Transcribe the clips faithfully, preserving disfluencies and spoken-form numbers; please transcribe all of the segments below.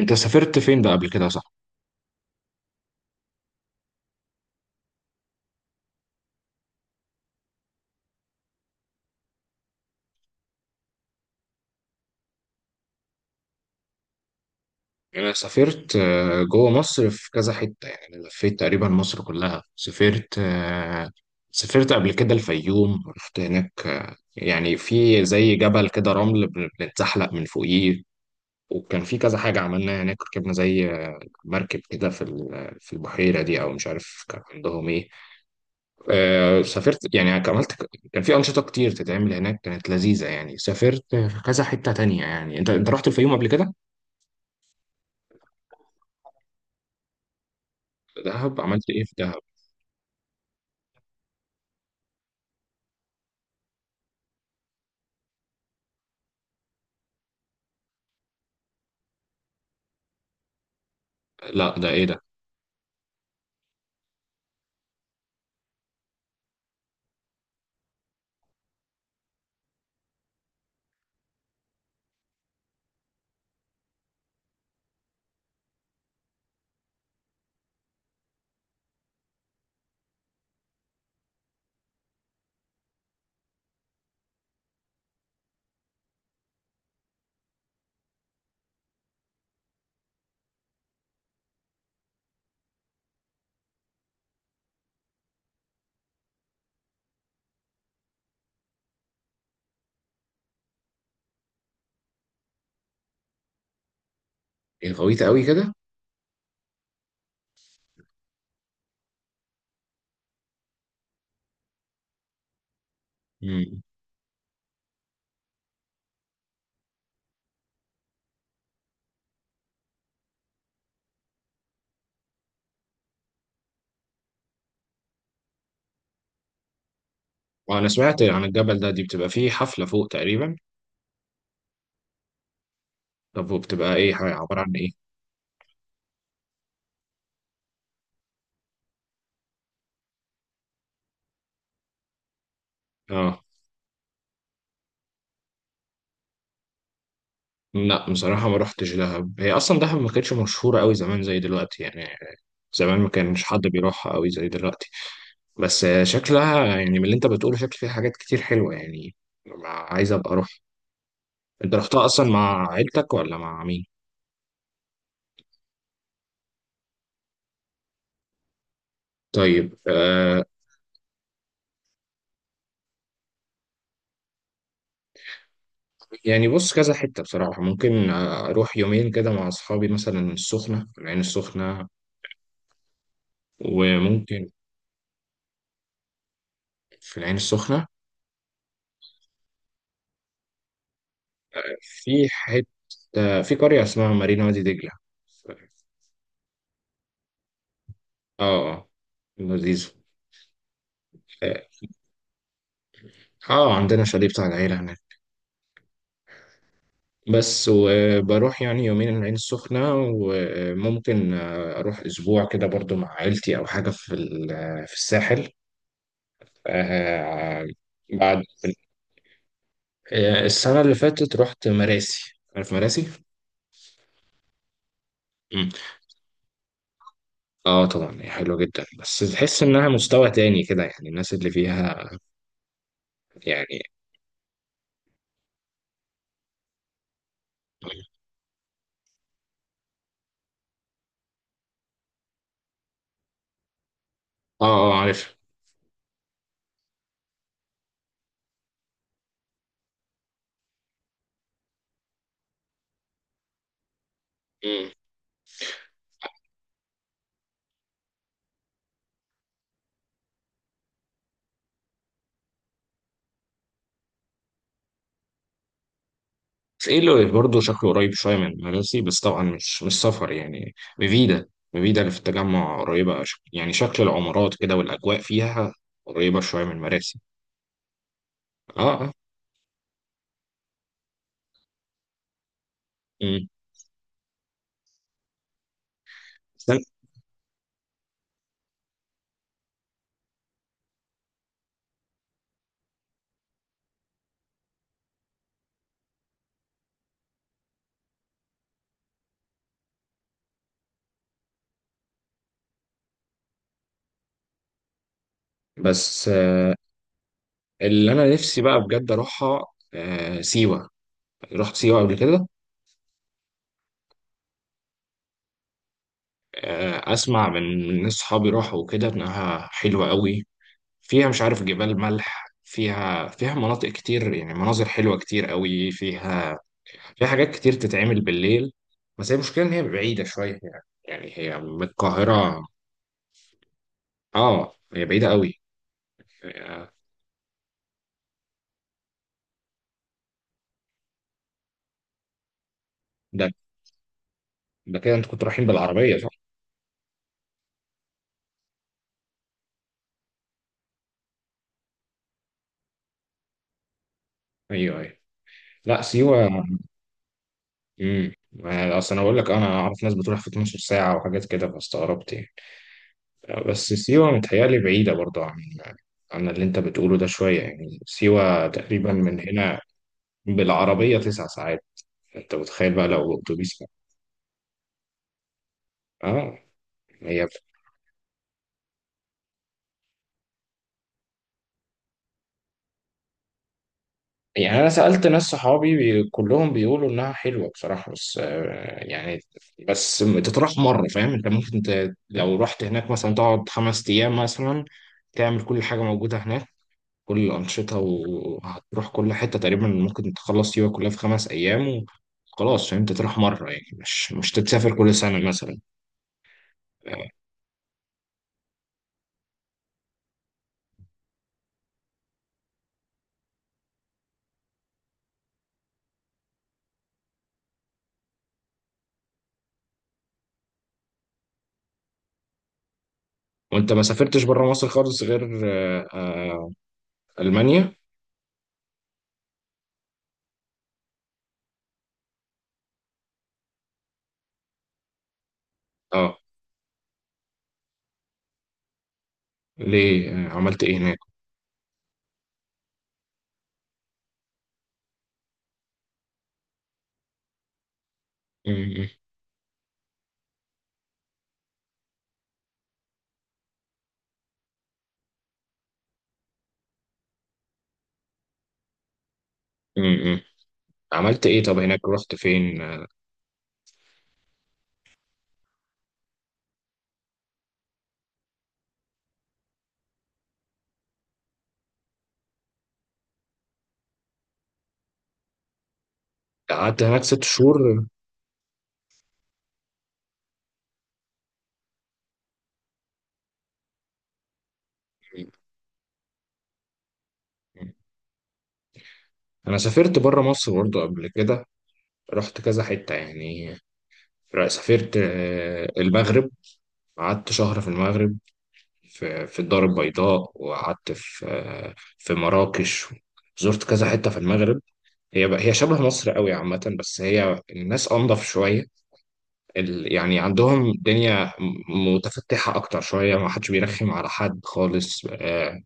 انت سافرت فين بقى قبل كده صح؟ انا سافرت آه، جوه مصر في كذا حتة، يعني انا لفيت تقريبا مصر كلها. سافرت آه، سافرت قبل كده الفيوم، رحت هناك آه، يعني في زي جبل كده رمل بن- بنتزحلق من فوقيه، وكان في كذا حاجة عملناها هناك. ركبنا زي مركب كده في ال- في البحيرة دي، أو مش عارف كان عندهم إيه. آه، سافرت يعني عملت، كان في أنشطة كتير تتعمل هناك كانت لذيذة. يعني سافرت في كذا حتة تانية، يعني أنت أنت رحت الفيوم قبل كده؟ دهب عملت ايه في دهب؟ لا ده ايه ده؟ ايه غويطة قوي كده. امم. وانا سمعت عن الجبل ده، دي بتبقى فيه حفلة فوق تقريبا؟ طب وبتبقى ايه، حاجة عبارة عن ايه؟ اه. لا بصراحة ما روحتش دهب، هي اصلا دهب ما كانتش مشهورة قوي زمان زي دلوقتي يعني، زمان ما كانش حد بيروحها قوي زي دلوقتي. بس آه، شكلها يعني من اللي انت بتقوله، شكل فيها حاجات كتير حلوة يعني، عايز ابقى اروح. انت رحتها اصلا مع عيلتك ولا مع مين؟ طيب. آه، يعني بص كذا حتة بصراحة، ممكن أروح يومين كده مع أصحابي مثلا السخنة، في العين السخنة وممكن. في العين السخنة. في حتة، في قرية اسمها مارينا وادي دجلة. اه اه. لذيذ. اه. آه، عندنا شاليه بتاع العيلة هناك. بس وبروح يعني يومين العين السخنة، وممكن آه، أروح أسبوع كده برضو مع عيلتي أو حاجة في ال- في الساحل. آه، بعد آه، السنة اللي فاتت رحت مراسي، عارف مراسي؟ مم. اه طبعا، هي حلوة جدا بس تحس انها مستوى تاني كده يعني، الناس اللي فيها يعني. اه اه عارف. مم. بس ايه اللي برضه شكله قريب شوية من مراسي، بس طبعا مش مش سفر يعني. مفيدة مفيدة اللي في التجمع قريبة شك- يعني شكل العمارات كده والأجواء فيها قريبة شوية من مراسي. اه اه. مم. استنى. بس آه، اللي أنا نفسي بقى بجد أروحها آه، سيوة، رحت سيوة قبل كده؟ آه، اسمع من من ناس صحابي راحوا وكده، انها حلوه قوي، فيها مش عارف جبال ملح، فيها فيها مناطق كتير يعني، مناظر حلوه كتير قوي فيها، فيها حاجات كتير تتعمل بالليل. بس هي المشكله ان هي بعيده شويه يعني، يعني هي من القاهره اه، هي بعيده قوي. آه، ده ده كده انتوا كنتوا رايحين بالعربيه صح؟ ايوه ايوه. لا سيوه. امم. اصل انا بقول لك انا اعرف ناس بتروح في اثنا عشر ساعه وحاجات كده فاستغربت يعني. بس سيوة متهيألي بعيدة برضو عن عن اللي أنت بتقوله ده شوية، يعني سيوة تقريبا من هنا بالعربية تسع ساعات، أنت متخيل بقى لو أتوبيس؟ آه. هي يعني أنا سألت ناس صحابي بي... كلهم بيقولوا إنها حلوة بصراحة، بس آه، يعني بس تطرح مرة، فاهم أنت ممكن ت... لو رحت هناك مثلا تقعد خمس أيام مثلا، تعمل كل حاجة موجودة هناك كل الأنشطة وهتروح كل حتة تقريبا، ممكن تخلص سيوة كلها في خمس أيام وخلاص. فاهم أنت تروح مرة يعني، مش مش تتسافر كل سنة مثلا. آه، وأنت ما سافرتش بره مصر خالص غير آه، آه، ألمانيا؟ أه. ليه آه، عملت إيه هناك؟ م- م- م- م. عملت إيه طب هناك، رحت فين؟ آه، قعدت هناك ست شهور. م- م. أنا سافرت بره مصر برضه قبل كده، رحت كذا حتة يعني. رحت- سافرت آه، المغرب، قعدت شهر في المغرب، في في الدار البيضاء، وقعدت في في مراكش. زرت كذا حتة في المغرب. هي بقى هي شبه مصر قوي عامة، بس هي الناس أنضف شوية ال... يعني عندهم الدنيا م- متفتحة أكتر شوية، ما حدش بيرخم على حد خالص. آه،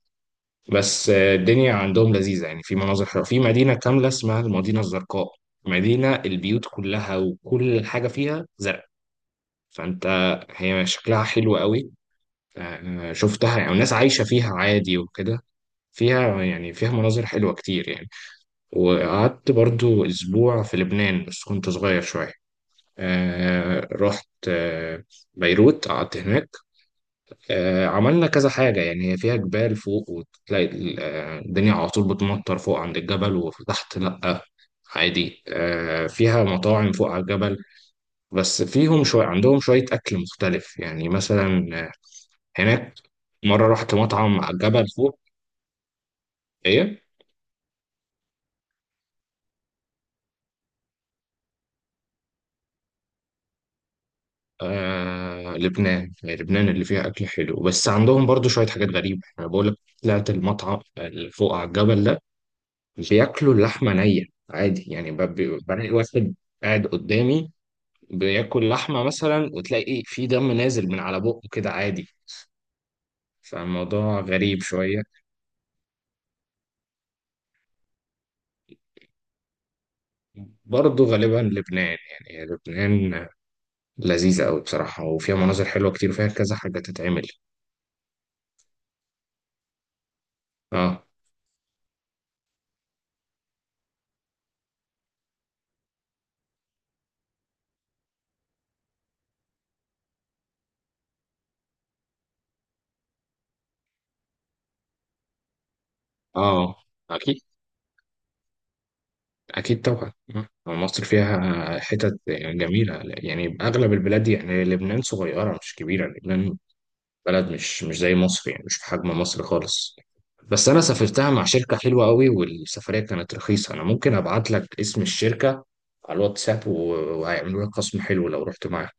بس آه، الدنيا عندهم لذيذة يعني، في مناظر حلوة، في مدينة كاملة اسمها المدينة الزرقاء، مدينة البيوت كلها وكل حاجة فيها زرق، فأنت هي شكلها حلو قوي. آه، شفتها يعني الناس عايشة فيها عادي وكده، فيها يعني فيها مناظر حلوة كتير يعني. وقعدت برضو أسبوع في لبنان بس كنت صغير شوية. آه رحت آه بيروت، قعدت هناك. آه عملنا كذا حاجة يعني، هي فيها جبال فوق وتلاقي ال- آه، الدنيا على طول بتمطر فوق عند الجبل وتحت لأ عادي. آه فيها مطاعم فوق على الجبل، بس فيهم شوية عندهم شوية أكل مختلف يعني، مثلا آه، هناك مرة رحت مطعم على الجبل فوق. إيه. آه لبنان، يعني لبنان اللي فيها أكل حلو، بس عندهم برضو شوية حاجات غريبة أنا بقول لك. طلعت المطعم اللي فوق على الجبل ده، بياكلوا اللحمة نية عادي يعني، ب- ب- بلاقي واحد قاعد قدامي بياكل لحمة مثلا، وتلاقي إيه، في دم نازل من على بقه كده عادي، فالموضوع غريب شوية. برضو غالبا لبنان، يعني لبنان لذيذة أوي بصراحة، وفيها مناظر حلوة كتير وفيها كذا حاجة تتعمل. اه اه. أكيد طبعا آه، مصر فيها حتت جميلة يعني، أغلب البلاد يعني لبنان صغيرة مش كبيرة، لبنان بلد مش مش زي مصر يعني، مش بحجم مصر خالص. بس أنا سافرتها مع شركة حلوة قوي والسفرية كانت رخيصة، أنا ممكن أبعت لك اسم الشركة على الواتساب و- وهيعملوا لك خصم حلو لو رحت معاهم.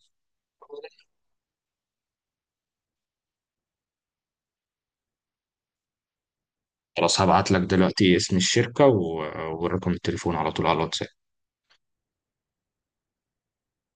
خلاص هبعت لك دلوقتي اسم الشركة و- ورقم التليفون على طول على الواتساب.